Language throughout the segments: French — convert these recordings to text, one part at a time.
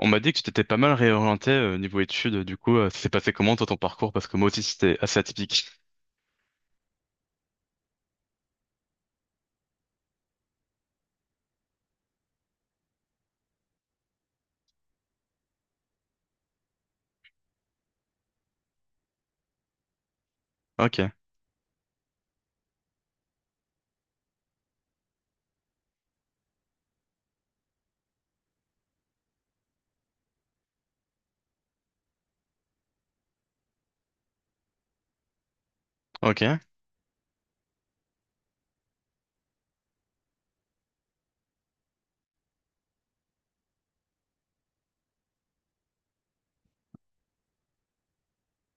On m'a dit que tu t'étais pas mal réorienté niveau études, du coup, ça s'est passé comment toi ton parcours? Parce que moi aussi c'était assez atypique. Ok, ok.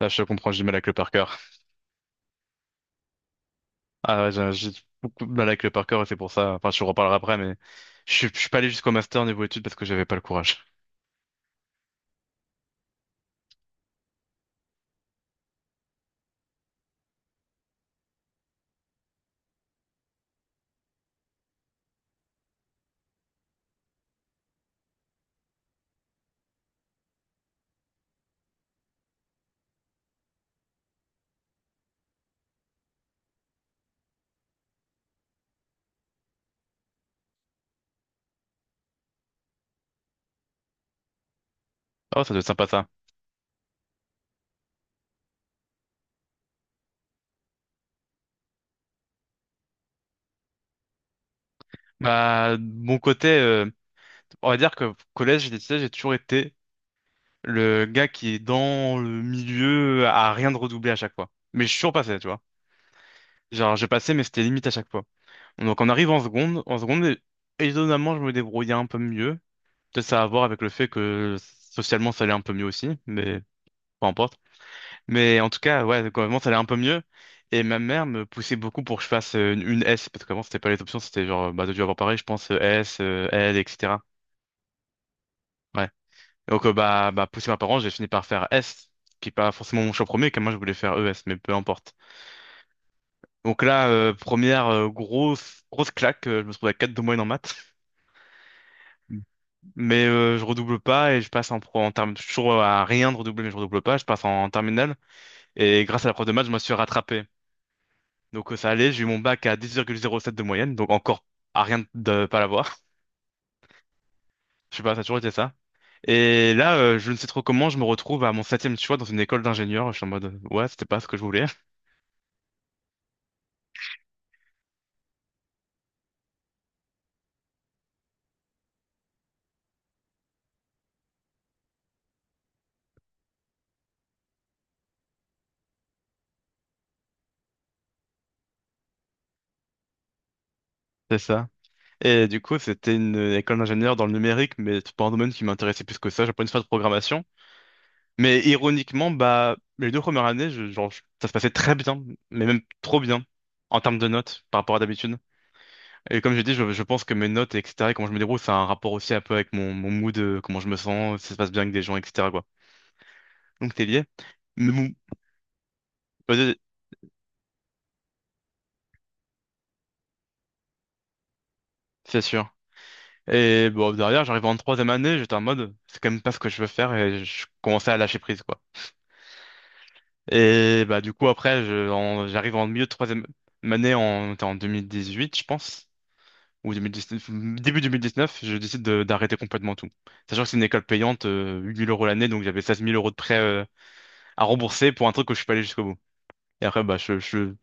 Là je comprends, j'ai du mal avec le par cœur. Ah ouais, j'ai beaucoup de mal avec le par cœur et c'est pour ça, enfin je vous reparlerai après, mais je suis pas allé jusqu'au master niveau études parce que j'avais pas le courage. Oh, ça doit être sympa ça. Bah, de mon côté, on va dire que collège et lycée, j'ai toujours été le gars qui est dans le milieu à rien de redoubler à chaque fois. Mais je suis toujours passé, tu vois. Genre, j'ai passé, mais c'était limite à chaque fois. Donc, on arrive en seconde. En seconde, étonnamment, je me débrouillais un peu mieux. Peut-être ça a à voir avec le fait que socialement, ça allait un peu mieux aussi, mais peu importe. Mais en tout cas, ouais, quand même, ça allait un peu mieux. Et ma mère me poussait beaucoup pour que je fasse une S, parce qu'avant, c'était pas les options, c'était genre, bah, t'as dû avoir pareil, je pense, S, L, etc. Donc, poussé par mes parents, j'ai fini par faire S, qui est pas forcément mon choix premier, car moi, je voulais faire ES, mais peu importe. Donc là, première grosse, grosse claque, je me retrouve à 4 de moyenne en maths. Mais je redouble pas et je passe en terme, toujours à rien de redoubler, mais je redouble pas, je passe en, terminale. Et grâce à la prof de maths, je me suis rattrapé. Donc ça allait, j'ai eu mon bac à 10,07 de moyenne, donc encore à rien de pas l'avoir. Je sais pas, ça a toujours été ça. Et là, je ne sais trop comment, je me retrouve à mon septième choix dans une école d'ingénieur. Je suis en mode, ouais, c'était pas ce que je voulais. C'est ça. Et du coup, c'était une école d'ingénieur dans le numérique, mais c'est pas un domaine qui m'intéressait plus que ça. J'apprenais une faire de programmation. Mais ironiquement, bah, les deux premières années, genre, ça se passait très bien, mais même trop bien, en termes de notes, par rapport à d'habitude. Et comme j'ai dit, je pense que mes notes, etc., et comment je me débrouille, ça a un rapport aussi un peu avec mon mood, comment je me sens, si ça se passe bien avec des gens, etc., quoi. Donc, c'est lié. Mais bon, vas-y, c'est sûr. Et bon, derrière, j'arrive en troisième année, j'étais en mode, c'est quand même pas ce que je veux faire, et je commençais à lâcher prise, quoi. Et bah du coup après j'arrive en milieu de troisième année en 2018 je pense ou 2019, début 2019 je décide d'arrêter complètement tout. Sachant que c'est une école payante 8 000 € l'année donc j'avais 16 000 € de prêt à rembourser pour un truc que je suis pas allé jusqu'au bout. Et après bah je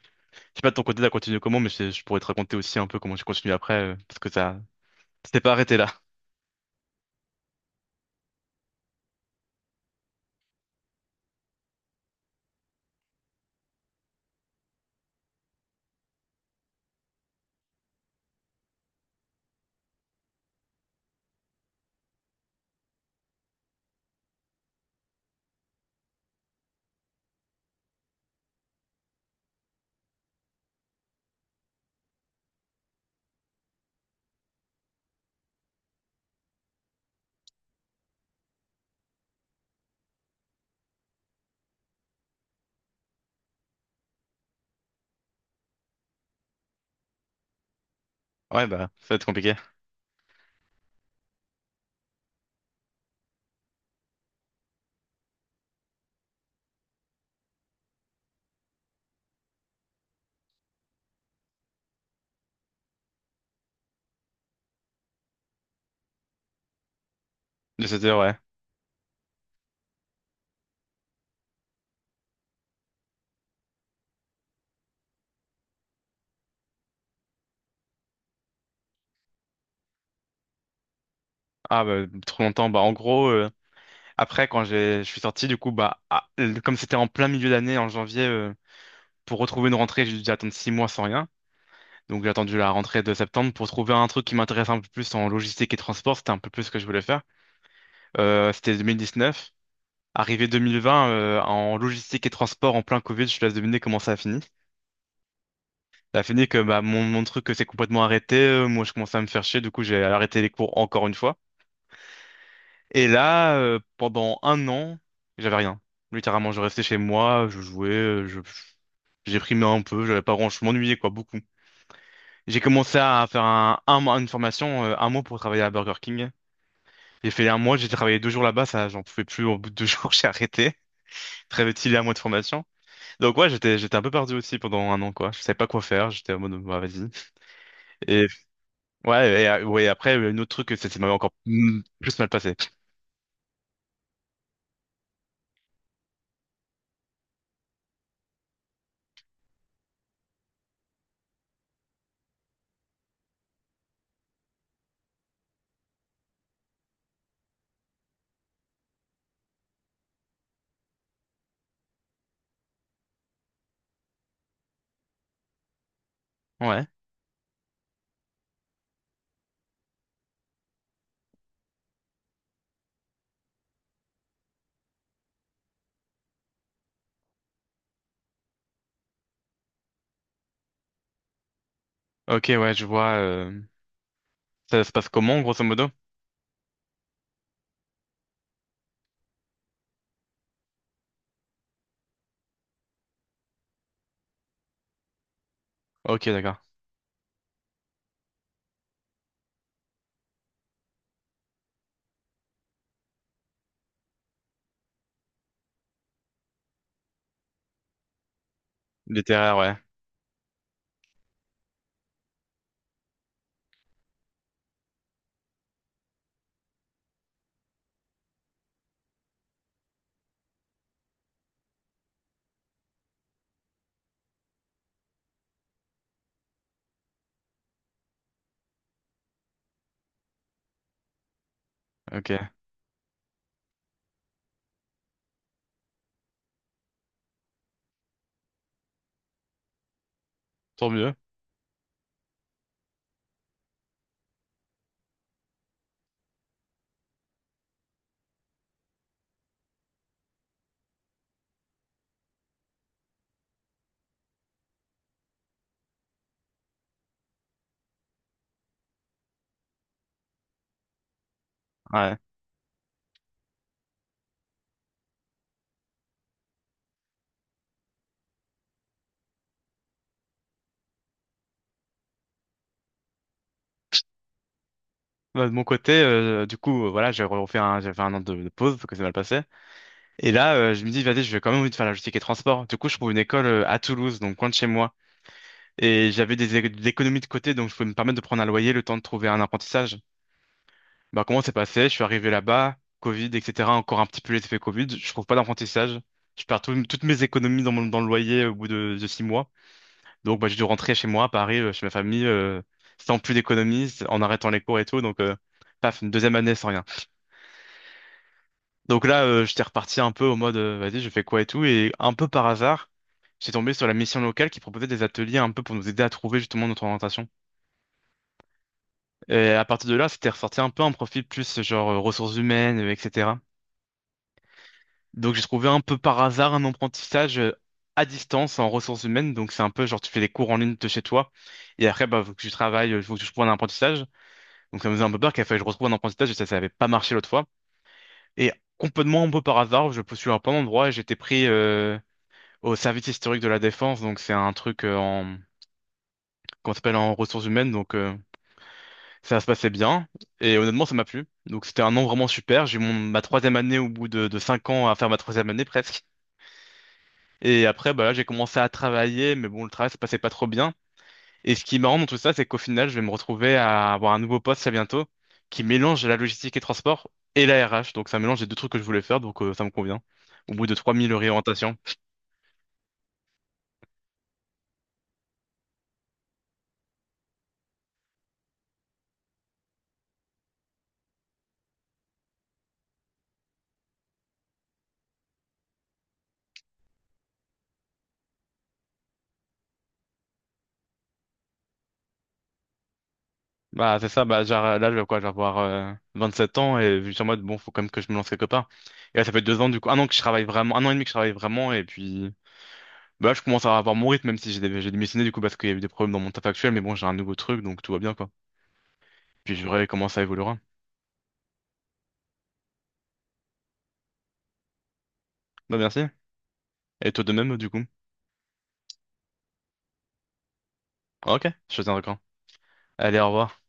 sais pas de ton côté t'as continué comment mais je pourrais te raconter aussi un peu comment j'ai continué après parce que ça c'était pas arrêté là. Ouais bah ça va être compliqué. De cette heure ouais. Ah bah trop longtemps bah en gros après, quand je suis sorti, du coup, bah, ah, comme c'était en plein milieu d'année, en janvier, pour retrouver une rentrée, j'ai dû attendre 6 mois sans rien. Donc, j'ai attendu la rentrée de septembre pour trouver un truc qui m'intéresse un peu plus en logistique et transport. C'était un peu plus ce que je voulais faire. C'était 2019. Arrivé 2020, en logistique et transport, en plein Covid, je te laisse deviner comment ça a fini. Ça a fini que bah, mon truc s'est complètement arrêté. Moi, je commençais à me faire chier. Du coup, j'ai arrêté les cours encore une fois. Et là, pendant un an, j'avais rien. Littéralement, je restais chez moi, je jouais, j'ai primé un peu, j'avais pas grand, je m'ennuyais quoi, beaucoup. J'ai commencé à faire un mois, une formation, un mois pour travailler à Burger King. J'ai fait un mois, j'ai travaillé 2 jours là-bas, ça, j'en pouvais plus. Au bout de deux jours, j'ai arrêté. Très vite, il y a un mois de formation. Donc ouais, j'étais un peu perdu aussi pendant un an quoi. Je savais pas quoi faire, j'étais en mode bah, vas-y. Et ouais, ouais, après un autre truc, ça m'avait encore plus mal passé. Ouais. Ok, ouais, je vois. Ça se passe comment, grosso modo? Ok, d'accord. Littéraire, ouais. Ok. Tant mieux. Ouais. Bah, de mon côté, du coup, voilà, j'ai fait un an de pause parce que c'est mal passé. Et là, je me dis, vas-y, je vais quand même envie de faire la logistique et transport. Du coup, je trouve une école à Toulouse, donc loin de chez moi. Et j'avais des économies de côté, donc je pouvais me permettre de prendre un loyer le temps de trouver un apprentissage. Bah, comment c'est passé? Je suis arrivé là-bas, Covid, etc. Encore un petit peu les effets Covid. Je trouve pas d'apprentissage. Je perds toutes mes économies dans dans le loyer au bout de 6 mois. Donc, bah, j'ai dû rentrer chez moi, à Paris, chez ma famille, sans plus d'économies, en arrêtant les cours et tout. Donc, paf, une deuxième année sans rien. Donc là, j'étais reparti un peu au mode, vas-y, je fais quoi et tout. Et un peu par hasard, j'ai tombé sur la mission locale qui proposait des ateliers un peu pour nous aider à trouver justement notre orientation. Et à partir de là, c'était ressorti un peu un profil plus genre ressources humaines, etc. Donc j'ai trouvé un peu par hasard un apprentissage à distance en ressources humaines. Donc c'est un peu genre tu fais des cours en ligne de chez toi. Et après, bah, faut que je travaille, il faut que je trouve un apprentissage. Donc ça me faisait un peu peur qu'il fallait que je retrouve un apprentissage et ça avait pas marché l'autre fois. Et complètement un peu par hasard, je postule à plein d'endroits et j'étais pris. Au service historique de la défense, donc c'est un truc en qu'on s'appelle en ressources humaines, donc ça se passait bien. Et honnêtement, ça m'a plu. Donc c'était un an vraiment super. J'ai eu mon ma troisième année au bout de 5 ans à faire ma troisième année presque. Et après, bah là, j'ai commencé à travailler, mais bon, le travail se passait pas trop bien. Et ce qui est marrant dans tout ça, c'est qu'au final, je vais me retrouver à avoir un nouveau poste très bientôt qui mélange la logistique et transport et la RH. Donc ça mélange les deux trucs que je voulais faire, donc ça me convient. Au bout de 3 000 réorientations. Bah, c'est ça, bah, genre, là, je vais quoi, je vais avoir 27 ans et je suis en mode, bon, faut quand même que je me lance quelque part. Et là, ça fait 2 ans, du coup, un an que je travaille vraiment, un an et demi que je travaille vraiment, et puis, bah, là, je commence à avoir mon rythme, même si j'ai démissionné, du coup, parce qu'il y a eu des problèmes dans mon taf actuel, mais bon, j'ai un nouveau truc, donc tout va bien, quoi. Puis, je verrai comment ça évoluera. Bah, merci. Et toi de même, du coup. Ok, je te tiens d'accord. Allez, au revoir.